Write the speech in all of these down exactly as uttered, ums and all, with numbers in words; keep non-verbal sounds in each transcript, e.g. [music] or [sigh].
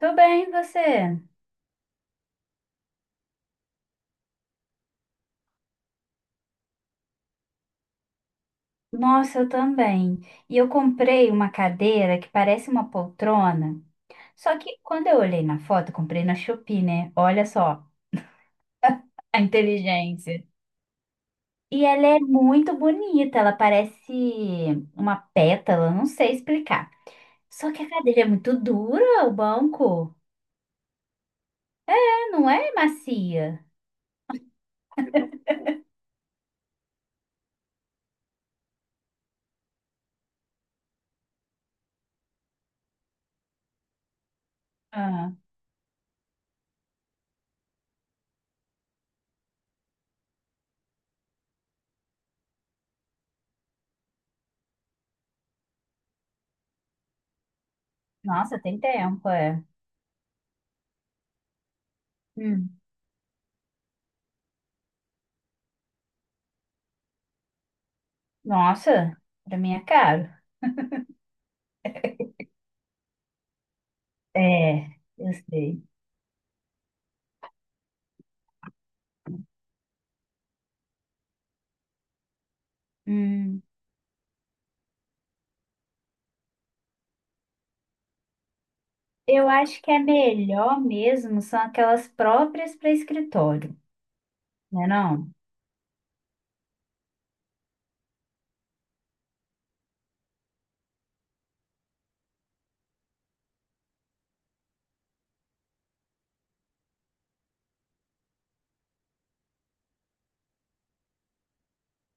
Tô bem, e você? Nossa, eu também. E eu comprei uma cadeira que parece uma poltrona. Só que quando eu olhei na foto, comprei na Shopee, né? Olha só [laughs] a inteligência. E ela é muito bonita, ela parece uma pétala, não sei explicar. Só que a cadeira é muito dura, o banco. É, não é macia. Ah, nossa, tem tempo, é. Hum. Nossa, pra mim é caro. É, eu sei. Hum. Eu acho que é melhor mesmo, são aquelas próprias para escritório, né não?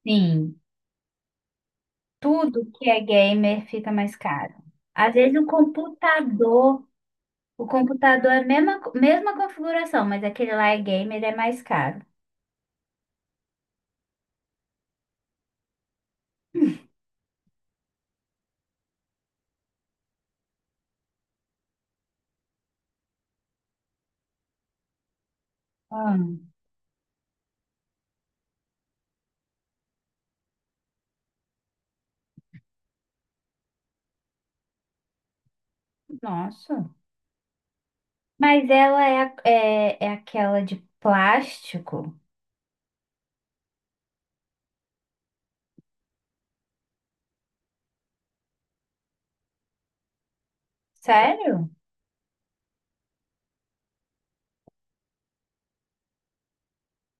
Sim, tudo que é gamer fica mais caro. Às vezes o computador, o computador é a mesma, co- mesma configuração, mas aquele lá é gamer, é mais caro. Ah, nossa. Mas ela é, a- é, é aquela de plástico? Sério?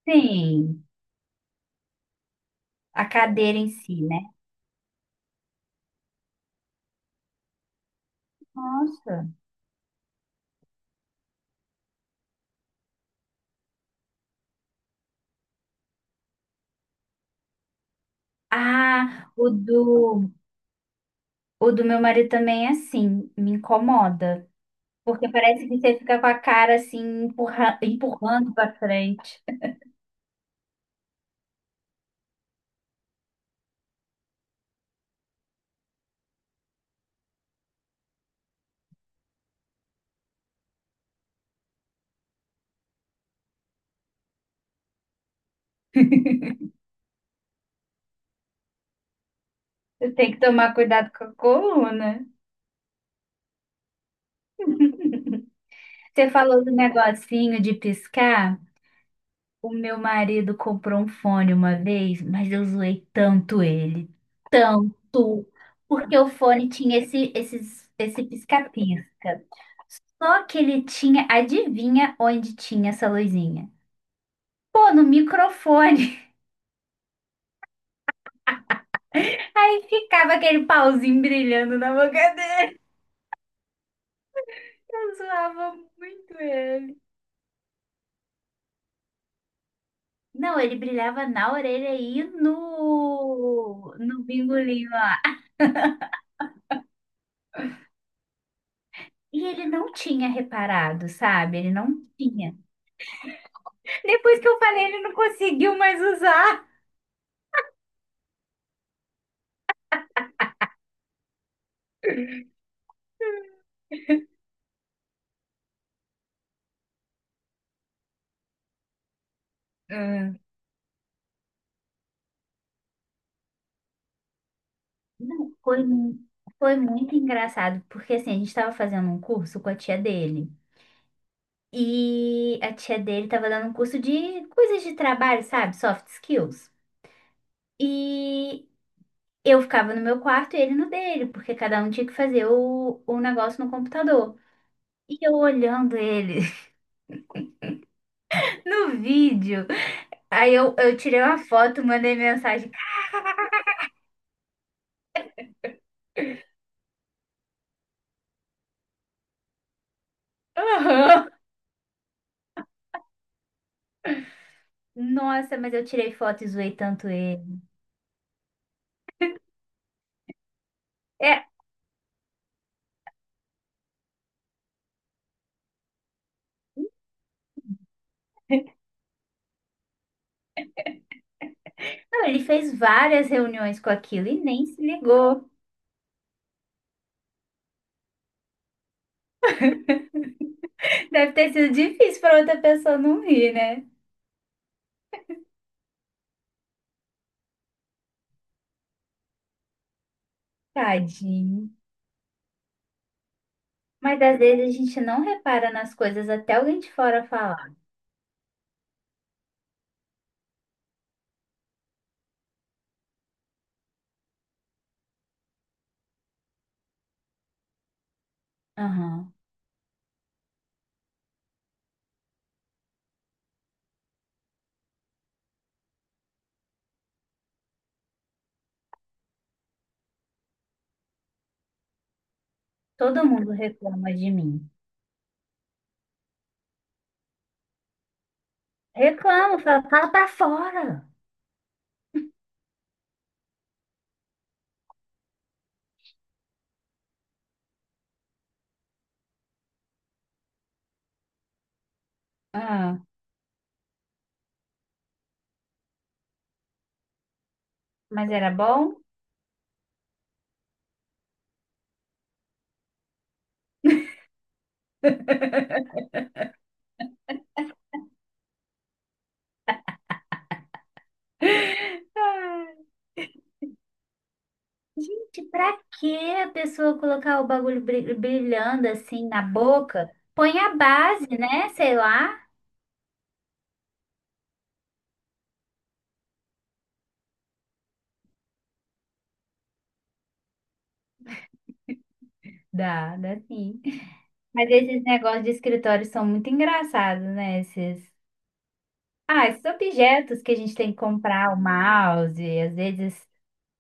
Sim, a cadeira em si, né? Nossa. Ah, o do O do meu marido também é assim, me incomoda. Porque parece que você fica com a cara assim, empurra- empurrando pra frente. Você tem que tomar cuidado com a coluna. Você falou do negocinho de piscar. O meu marido comprou um fone uma vez, mas eu zoei tanto ele, tanto. Porque o fone tinha esse, esses, esse pisca-pisca. Só que ele tinha, adivinha onde tinha essa luzinha? Pô, no microfone. Aí ficava aquele pauzinho brilhando na boca dele. Eu zoava muito ele. Não, ele brilhava na orelha e no, no bingolinho. E ele não tinha reparado, sabe? Ele não tinha. Depois que eu falei, ele não conseguiu mais usar. Ah, Não, foi, mu- foi muito engraçado, porque assim, a gente estava fazendo um curso com a tia dele. E a tia dele estava dando um curso de coisas de trabalho, sabe? Soft skills. E eu ficava no meu quarto e ele no dele, porque cada um tinha que fazer o, o negócio no computador. E eu olhando ele [laughs] no vídeo. Aí eu, eu tirei uma foto, mandei mensagem. "Aham." Nossa, mas eu tirei foto e zoei tanto ele. É, não, ele fez várias reuniões com aquilo e nem se ligou. Deve ter sido difícil para outra pessoa não rir, né? Tadinho. Mas às vezes a gente não repara nas coisas até alguém de fora falar. Aham. Todo mundo reclama de mim. Reclamo, fala, fala pra fora. Ah, mas era bom? Ah, gente, pra que a pessoa colocar o bagulho bri- brilhando assim na boca? Põe a base, né? Sei lá. Dá, dá sim. Mas esses negócios de escritório são muito engraçados, né? Esses. Ah, esses objetos que a gente tem que comprar, o mouse, às vezes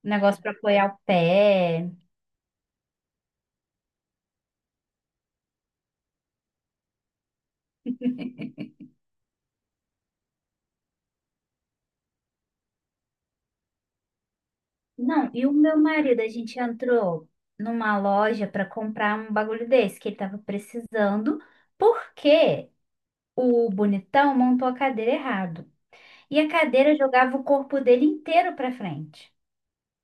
um negócio para apoiar o pé. Não, e o meu marido, a gente entrou numa loja para comprar um bagulho desse que ele tava precisando, porque o bonitão montou a cadeira errado. E a cadeira jogava o corpo dele inteiro para frente,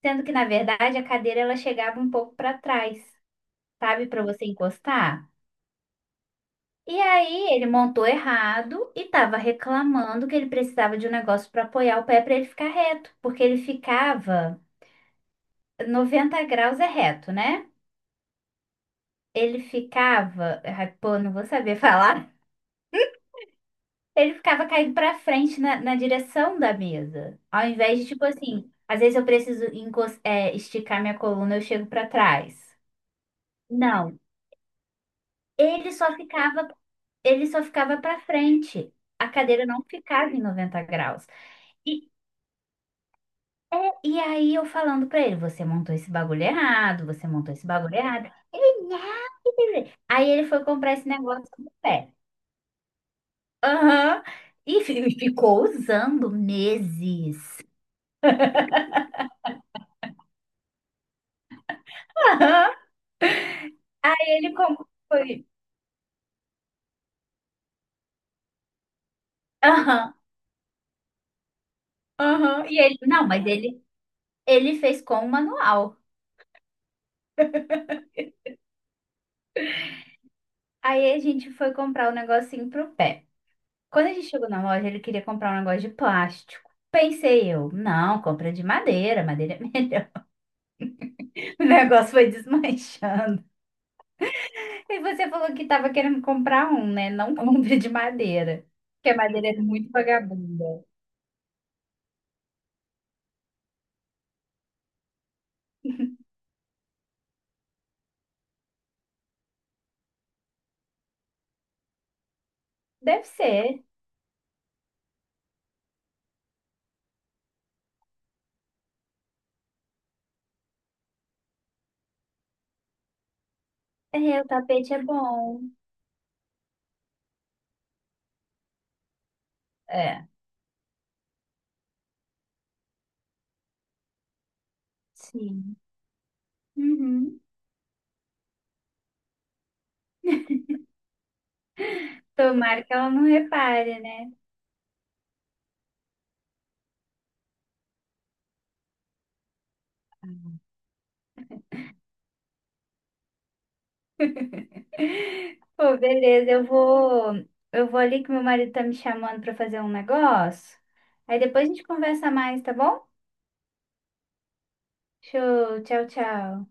sendo que na verdade a cadeira ela chegava um pouco para trás, sabe, para você encostar. E aí ele montou errado e tava reclamando que ele precisava de um negócio para apoiar o pé para ele ficar reto, porque ele ficava noventa graus é reto, né? Ele ficava, ai, pô, não vou saber [laughs] falar. Ele ficava caindo pra frente na, na direção da mesa. Ao invés de, tipo assim, às vezes eu preciso encos- é, esticar minha coluna, eu chego pra trás. Não, ele só ficava, ele só ficava para frente. A cadeira não ficava em noventa graus. E, e aí eu falando pra ele, você montou esse bagulho errado, você montou esse bagulho errado. Ele, não. Aí ele foi comprar esse negócio do pé. Aham. E fi- ficou usando meses. Aham. Ele como foi? Aham. Aham. E ele, Não, mas ele, ele fez com o manual. Aí a gente foi comprar um negocinho pro pé. Quando a gente chegou na loja, ele queria comprar um negócio de plástico. Pensei eu, não, compra de madeira, madeira. [laughs] O negócio foi desmanchando. E você falou que tava querendo comprar um, né? Não [laughs] compre de madeira. Porque a madeira é muito vagabunda. Deve ser. É, o tapete é bom. É. Sim. Uhum. Tomara que ela não repare, né? [laughs] Pô, beleza, eu vou, eu vou ali que meu marido tá me chamando pra fazer um negócio. Aí depois a gente conversa mais, tá bom? Show, tchau, tchau.